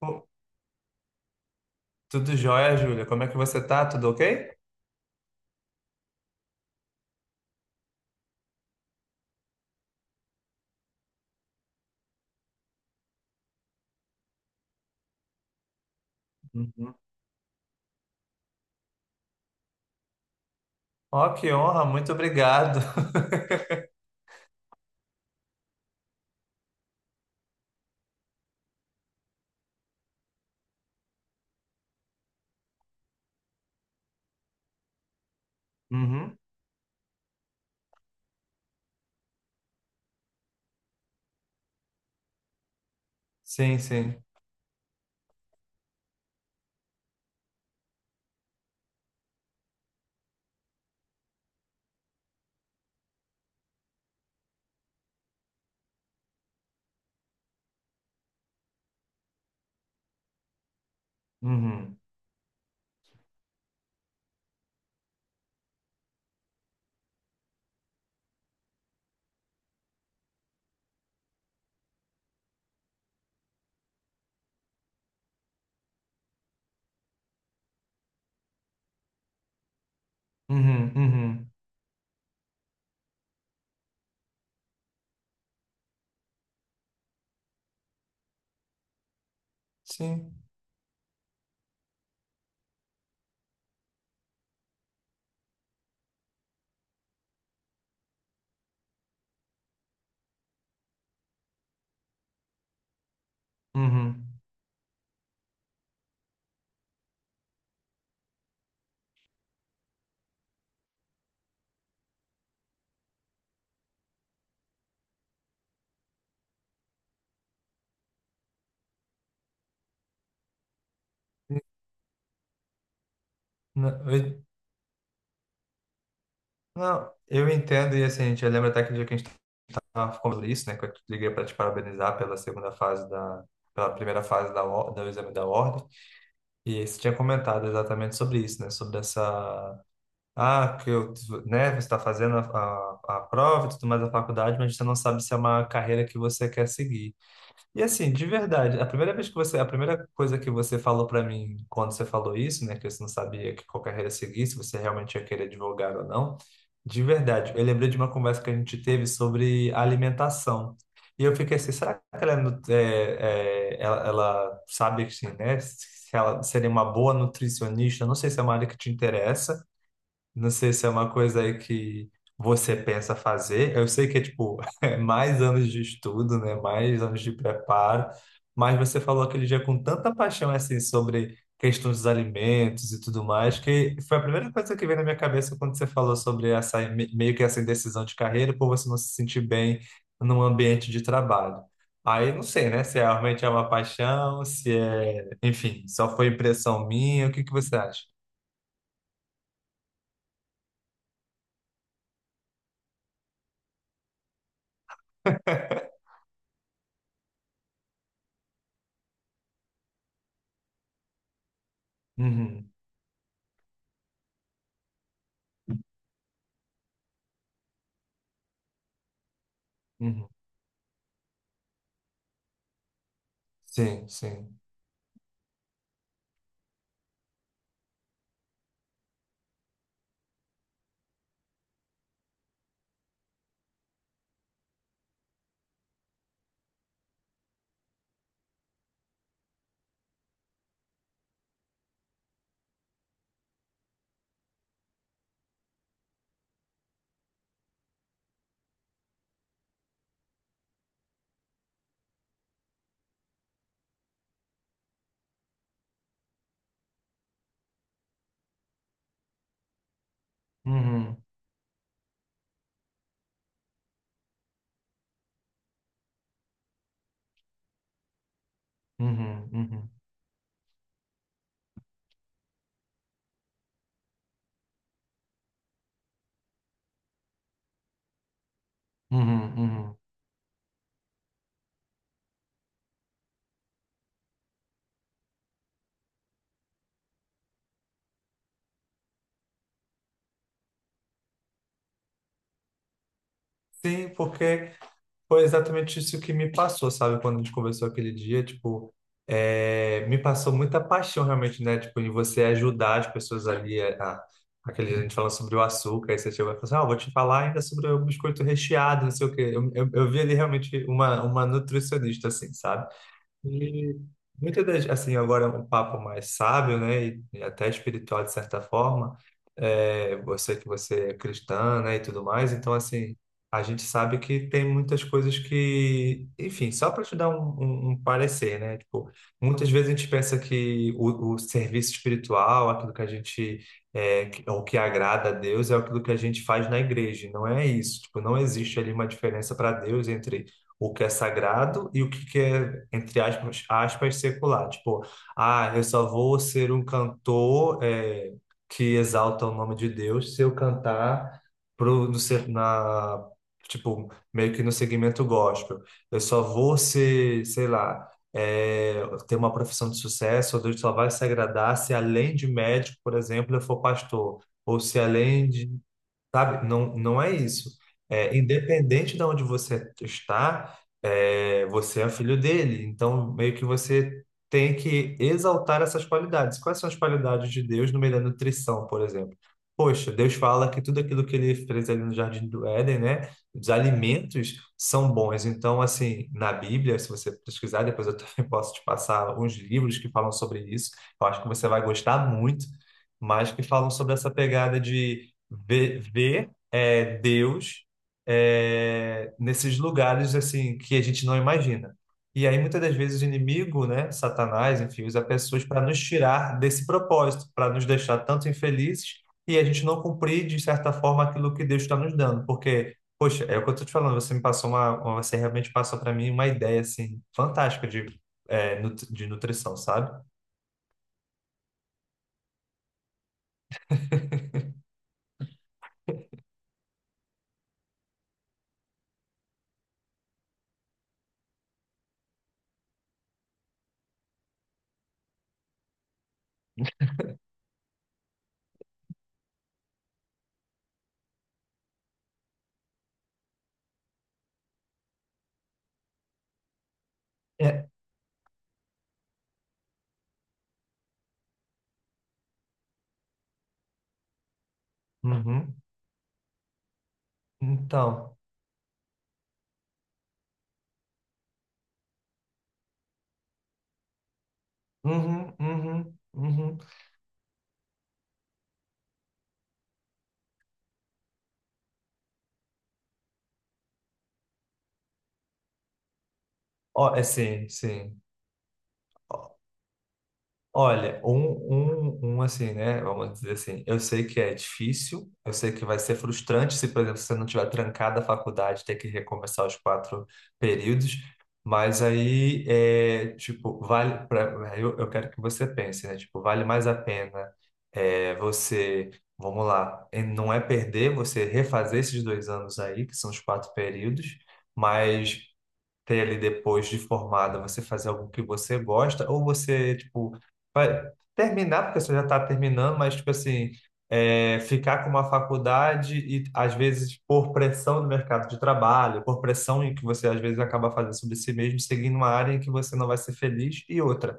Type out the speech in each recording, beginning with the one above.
Pô, tudo jóia, Júlia? Como é que você tá? Tudo ok? Uhum. Ó, que honra, muito obrigado. Uhum. Sim, sim. Uhum, uhum, uhum. Sim. Uhum. Não, eu, não, eu entendo, e assim, a gente lembra até que dia que a gente estava falando isso, né? Que eu te liguei para te parabenizar pela segunda fase da, pela primeira fase da, do exame da ordem. E você tinha comentado exatamente sobre isso, né? Sobre essa. Ah, que eu, né, você está fazendo a prova e tudo mais da faculdade, mas você não sabe se é uma carreira que você quer seguir. E assim, de verdade, a primeira vez que você, a primeira coisa que você falou para mim quando você falou isso, né, que você não sabia que qual carreira seguir, se você realmente ia querer advogar ou não, de verdade, eu lembrei de uma conversa que a gente teve sobre alimentação. E eu fiquei assim, será que ela, ela sabe que, assim, né, se ela seria uma boa nutricionista? Eu não sei se é uma área que te interessa. Não sei se é uma coisa aí que você pensa fazer. Eu sei que é tipo é mais anos de estudo, né? Mais anos de preparo. Mas você falou aquele dia com tanta paixão assim sobre questões dos alimentos e tudo mais, que foi a primeira coisa que veio na minha cabeça quando você falou sobre essa meio que essa indecisão de carreira por você não se sentir bem num ambiente de trabalho. Aí não sei, né? Se é- Realmente é uma paixão, se é, enfim, só foi impressão minha. O que você acha? Uhum, uhum. Sim, sim. Uhum, uhum, uhum, uhum, uhum. Sim, porque foi exatamente isso que me passou, sabe? Quando a gente conversou aquele dia, tipo, é, me passou muita paixão realmente, né? Tipo, em você ajudar as pessoas ali, aquele dia a gente falando sobre o açúcar, aí você chegou e falou assim, ah, eu vou te falar ainda sobre o biscoito recheado, não sei o quê. Eu vi ali realmente uma nutricionista, assim, sabe? E muitas das, assim, agora é um papo mais sábio, né, e até espiritual de certa forma, é, você é cristã, né, e tudo mais, então, assim, a gente sabe que tem muitas coisas que, enfim, só para te dar um parecer, né, tipo, muitas vezes a gente pensa que o serviço espiritual, aquilo que a gente, é, o que agrada a Deus é aquilo que a gente faz na igreja, e não é isso, tipo, não existe ali uma diferença para Deus entre o que é sagrado e o que é, entre aspas, aspas, secular. Tipo, ah, eu só vou ser um cantor que exalta o nome de Deus se eu cantar pro, no, se- na, tipo, meio que no segmento gospel. Eu só vou ser, sei lá, é, ter uma profissão de sucesso, ou Deus só vai se agradar se além de médico, por exemplo, eu for pastor. Ou se além de. Sabe? Não, não é isso. É, independente de onde você está, é, você é filho dele. Então, meio que você tem que exaltar essas qualidades. Quais são as qualidades de Deus no meio da nutrição, por exemplo? Poxa, Deus fala que tudo aquilo que ele fez ali no Jardim do Éden, né? Os alimentos são bons. Então, assim, na Bíblia, se você pesquisar, depois eu também posso te passar alguns livros que falam sobre isso. Eu acho que você vai gostar muito, mas que falam sobre essa pegada de ver é, Deus é, nesses lugares assim que a gente não imagina. E aí muitas das vezes o inimigo, né, Satanás, enfim, usa pessoas para nos tirar desse propósito, para nos deixar tanto infelizes e a gente não cumprir de certa forma aquilo que Deus está nos dando, porque poxa, é o que eu estou te falando, você me passou você realmente passou para mim uma ideia assim fantástica de é, de nutrição, sabe? É. Uhum. Então, uhum, uhum, uhum. Ó, é sim, sim. Ó, olha, um assim, né? Vamos dizer assim, eu sei que é difícil, eu sei que vai ser frustrante se, por exemplo, você não tiver trancado a faculdade, ter que recomeçar os quatro períodos, mas aí é tipo, vale pra, eu quero que você pense, né? Tipo, vale mais a pena é, você, vamos lá, e não é perder, você refazer esses dois anos aí, que são os quatro períodos, mas ter ali depois de formada, você fazer algo que você gosta, ou você, tipo, vai terminar, porque você já está terminando, mas, tipo assim, é, ficar com uma faculdade e, às vezes, por pressão do mercado de trabalho, por pressão em que você, às vezes, acaba fazendo sobre si mesmo, seguindo uma área em que você não vai ser feliz e outra.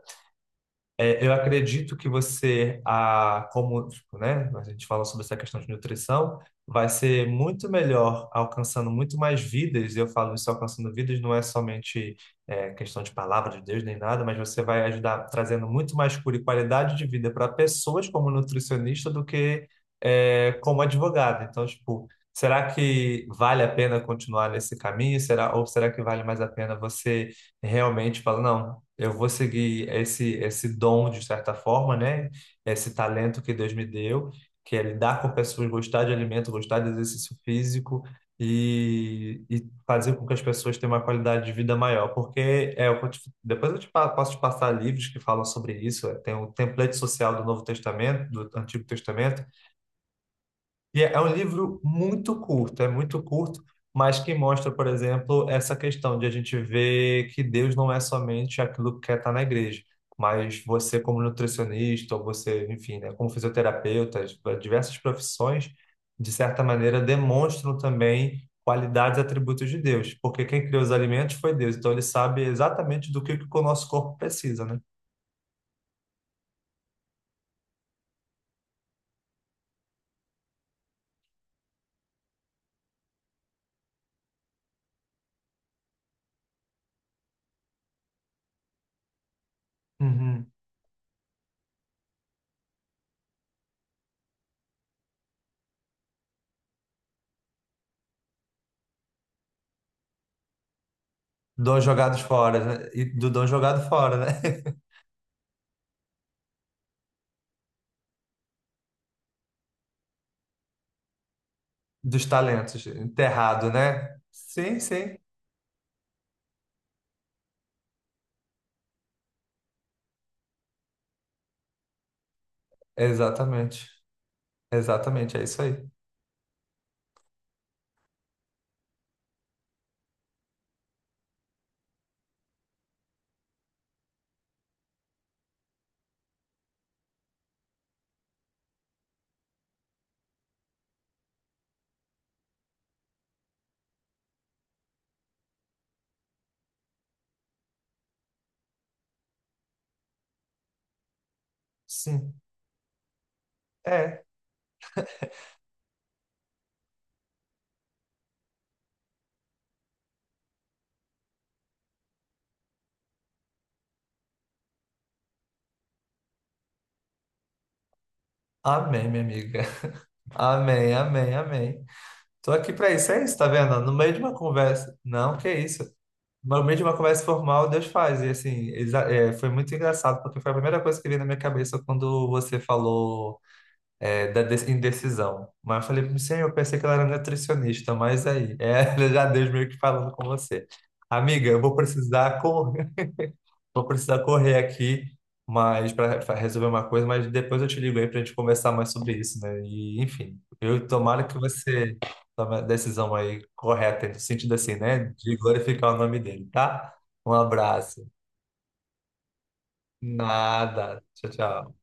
É, eu acredito que você, a, como, tipo, né, a gente fala sobre essa questão de nutrição, vai ser muito melhor alcançando muito mais vidas. Eu falo isso alcançando vidas, não é somente é, questão de palavra de Deus nem nada, mas você vai ajudar trazendo muito mais cura e qualidade de vida para pessoas como nutricionista do que é, como advogado. Então, tipo, será que vale a pena continuar nesse caminho? Será, ou será que vale mais a pena você realmente falar, não? Eu vou seguir esse dom de certa forma, né? Esse talento que Deus me deu, que é lidar com pessoas, gostar de alimento, gostar de exercício físico e, fazer com que as pessoas tenham uma qualidade de vida maior, porque é, depois eu te, posso te passar livros que falam sobre isso, é, tem o template social do Novo Testamento, do Antigo Testamento e é um livro muito curto, é muito curto, mas que mostra, por exemplo, essa questão de a gente ver que Deus não é somente aquilo que está na igreja, mas você como nutricionista, ou você, enfim, né, como fisioterapeuta, diversas profissões, de certa maneira, demonstram também qualidades e atributos de Deus, porque quem criou os alimentos foi Deus, então ele sabe exatamente que o nosso corpo precisa, né? Uhum. Dons jogados fora, né? E do dom jogado fora, né? Dos talentos, enterrado, né? Sim, sim. Exatamente. Exatamente, é isso aí. Sim. É. Amém, minha amiga. Amém, amém, amém. Tô aqui pra isso, é isso, tá vendo? No meio de uma conversa. Não, que isso. No meio de uma conversa formal, Deus faz. E assim, é, foi muito engraçado, porque foi a primeira coisa que veio na minha cabeça quando você falou. É, indecisão. Mas eu falei, não sei, eu pensei que ela era nutricionista, mas aí, é, já Deus meio que falando com você. Amiga, eu vou precisar correr, vou precisar correr aqui, mas para resolver uma coisa, mas depois eu te ligo aí para a gente conversar mais sobre isso, né? E, enfim, eu tomara que você tome a decisão aí correta, no sentido assim, né? De glorificar o nome dele, tá? Um abraço. Nada. Tchau, tchau.